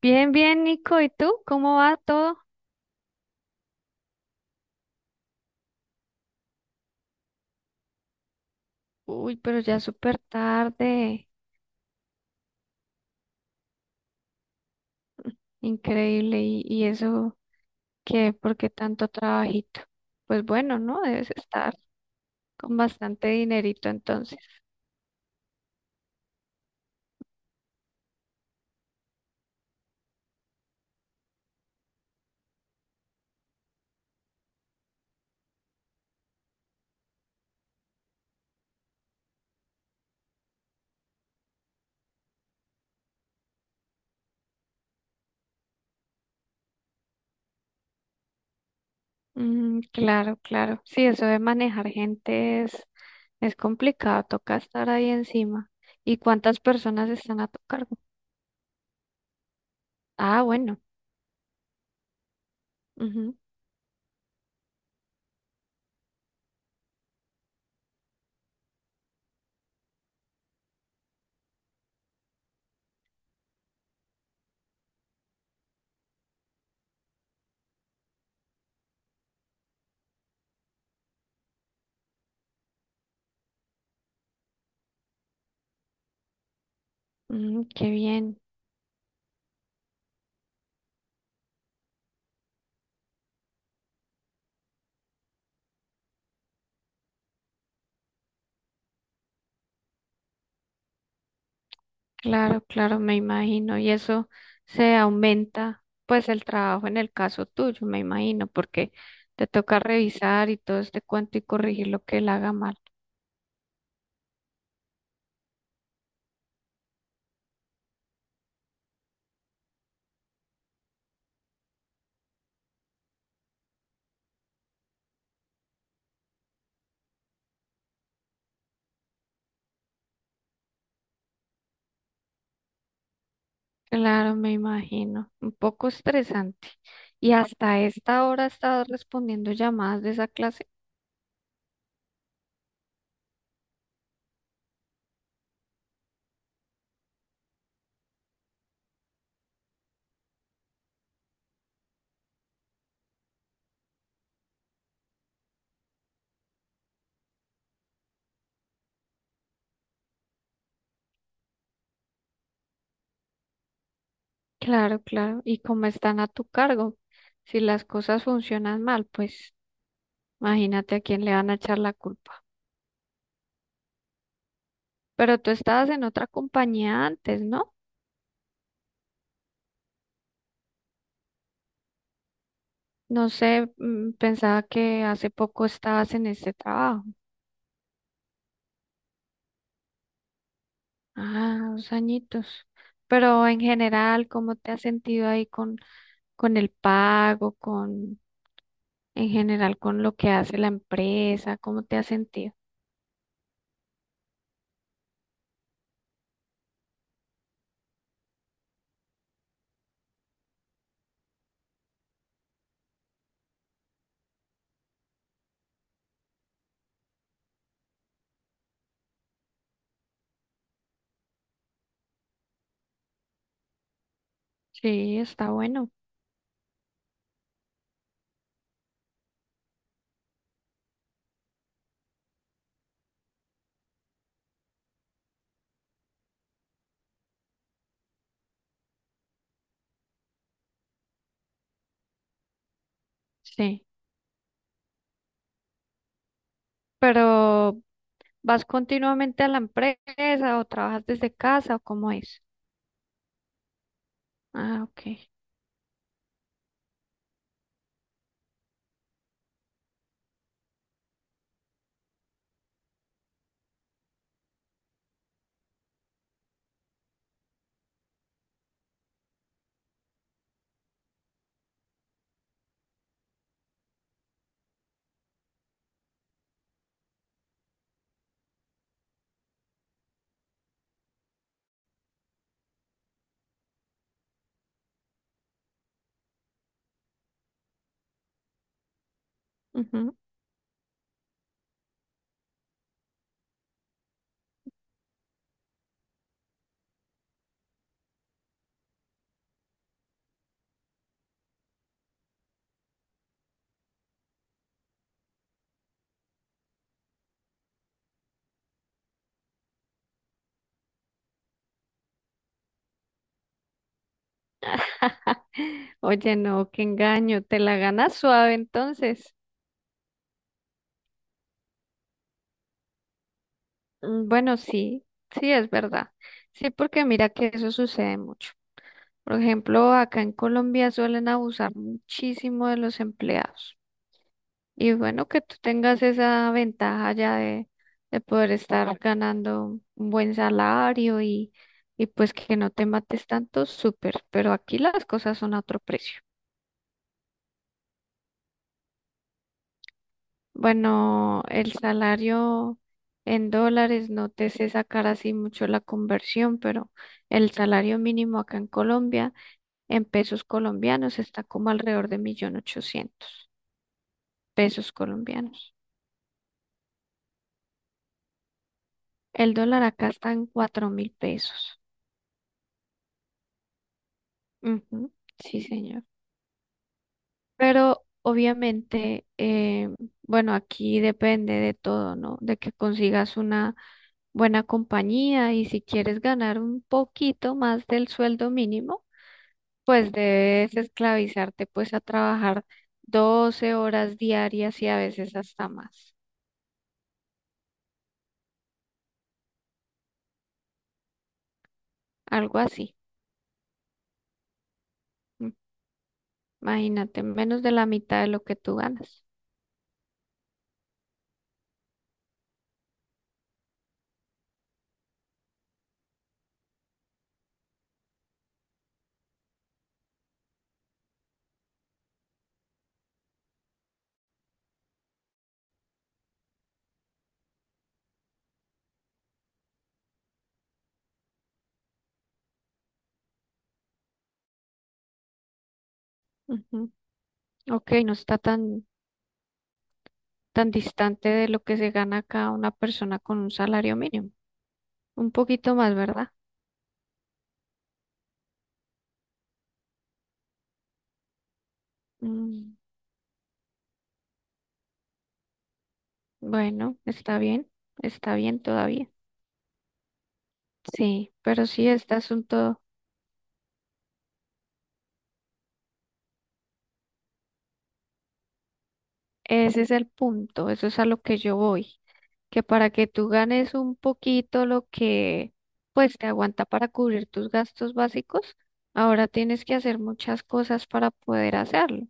Bien, bien, Nico. ¿Y tú? ¿Cómo va todo? Uy, pero ya es súper tarde. Increíble. ¿Y eso qué? ¿Por qué tanto trabajito? Pues bueno, ¿no? Debes estar con bastante dinerito entonces. Mm, claro, claro. Sí, eso de manejar gente es complicado. Toca estar ahí encima. ¿Y cuántas personas están a tu cargo? Ah, bueno. Ujú. Mm, qué bien. Claro, claro, me imagino. Y eso se aumenta, pues, el trabajo en el caso tuyo, me imagino, porque te toca revisar y todo este cuento y corregir lo que él haga mal. Claro, me imagino. Un poco estresante. Y hasta esta hora has estado respondiendo llamadas de esa clase. Claro, claro. Y como están a tu cargo, si las cosas funcionan mal, pues imagínate a quién le van a echar la culpa. Pero tú estabas en otra compañía antes, ¿no? No sé, pensaba que hace poco estabas en este trabajo. Ah, dos añitos. Pero en general, ¿cómo te has sentido ahí con el pago, en general con lo que hace la empresa? ¿Cómo te has sentido? Sí, está bueno. Sí. Pero ¿vas continuamente a la empresa o trabajas desde casa o cómo es? Ah, ok. Ujú. Oye, no, qué engaño. Te la ganas suave entonces. Mm, bueno, sí, sí es verdad. Sí, porque mira que eso sucede mucho. Por ejemplo, acá en Colombia suelen abusar muchísimo de los empleados. Y bueno, que tú tengas esa ventaja ya de poder estar ganando un buen salario y pues que no te mates tanto, súper. Pero aquí las cosas son a otro precio. Bueno, el salario en dólares, no te sé sacar así mucho la conversión, pero el salario mínimo acá en Colombia, en pesos colombianos, está como alrededor de 1.800.000 pesos colombianos. El dólar acá está en 4.000 pesos. Ujú. Sí, señor. Pero obviamente, bueno, aquí depende de todo, ¿no? De que consigas una buena compañía y si quieres ganar un poquito más del sueldo mínimo, pues debes esclavizarte pues a trabajar 12 horas diarias y a veces hasta más, algo así. Mm, imagínate, menos de la mitad de lo que tú ganas. Ujú. Ok, no está tan distante de lo que se gana acá una persona con un salario mínimo. Un poquito más, ¿verdad? Mm, bueno, está bien todavía. Sí, pero sí, este asunto, ese es el punto, eso es a lo que yo voy, que para que tú ganes un poquito lo que pues te aguanta para cubrir tus gastos básicos, ahora tienes que hacer muchas cosas para poder hacerlo.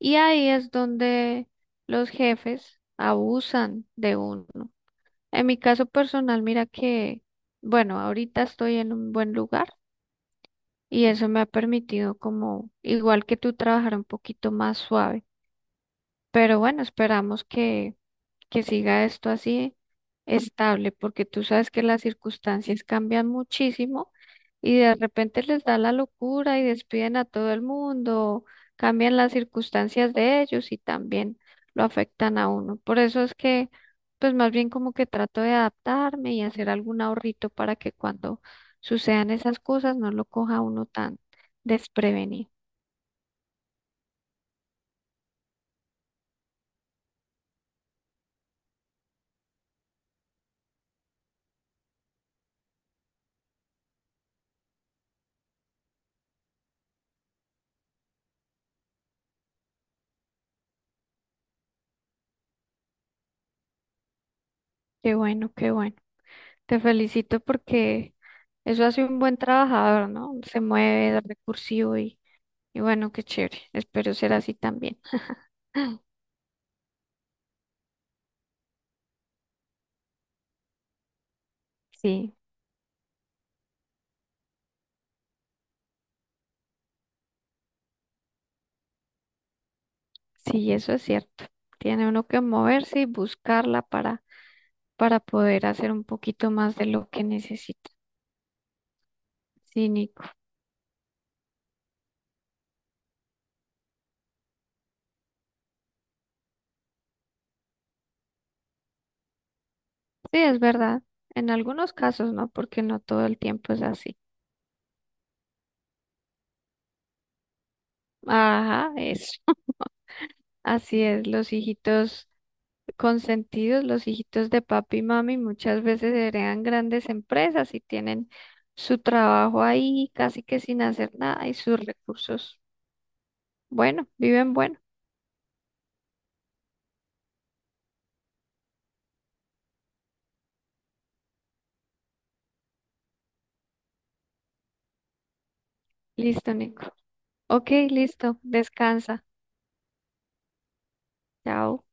Y ahí es donde los jefes abusan de uno. En mi caso personal, mira que, bueno, ahorita estoy en un buen lugar y eso me ha permitido como, igual que tú, trabajar un poquito más suave. Pero bueno, esperamos que siga esto así estable, porque tú sabes que las circunstancias cambian muchísimo y de repente les da la locura y despiden a todo el mundo, cambian las circunstancias de ellos y también lo afectan a uno. Por eso es que, pues más bien como que trato de adaptarme y hacer algún ahorrito para que cuando sucedan esas cosas no lo coja uno tan desprevenido. Qué bueno, qué bueno. Te felicito porque eso hace un buen trabajador, ¿no? Se mueve, es recursivo y bueno, qué chévere. Espero ser así también. Sí, sí, eso es cierto. Tiene uno que moverse y buscarla para poder hacer un poquito más de lo que necesita. Sí, Nico. Sí, es verdad. En algunos casos, ¿no? Porque no todo el tiempo es así. Ajá, eso. Así es, los hijitos. Consentidos, los hijitos de papi y mami muchas veces heredan grandes empresas y tienen su trabajo ahí casi que sin hacer nada y sus recursos. Bueno, viven bueno. Listo, Nico. Ok, listo. Descansa. Chao.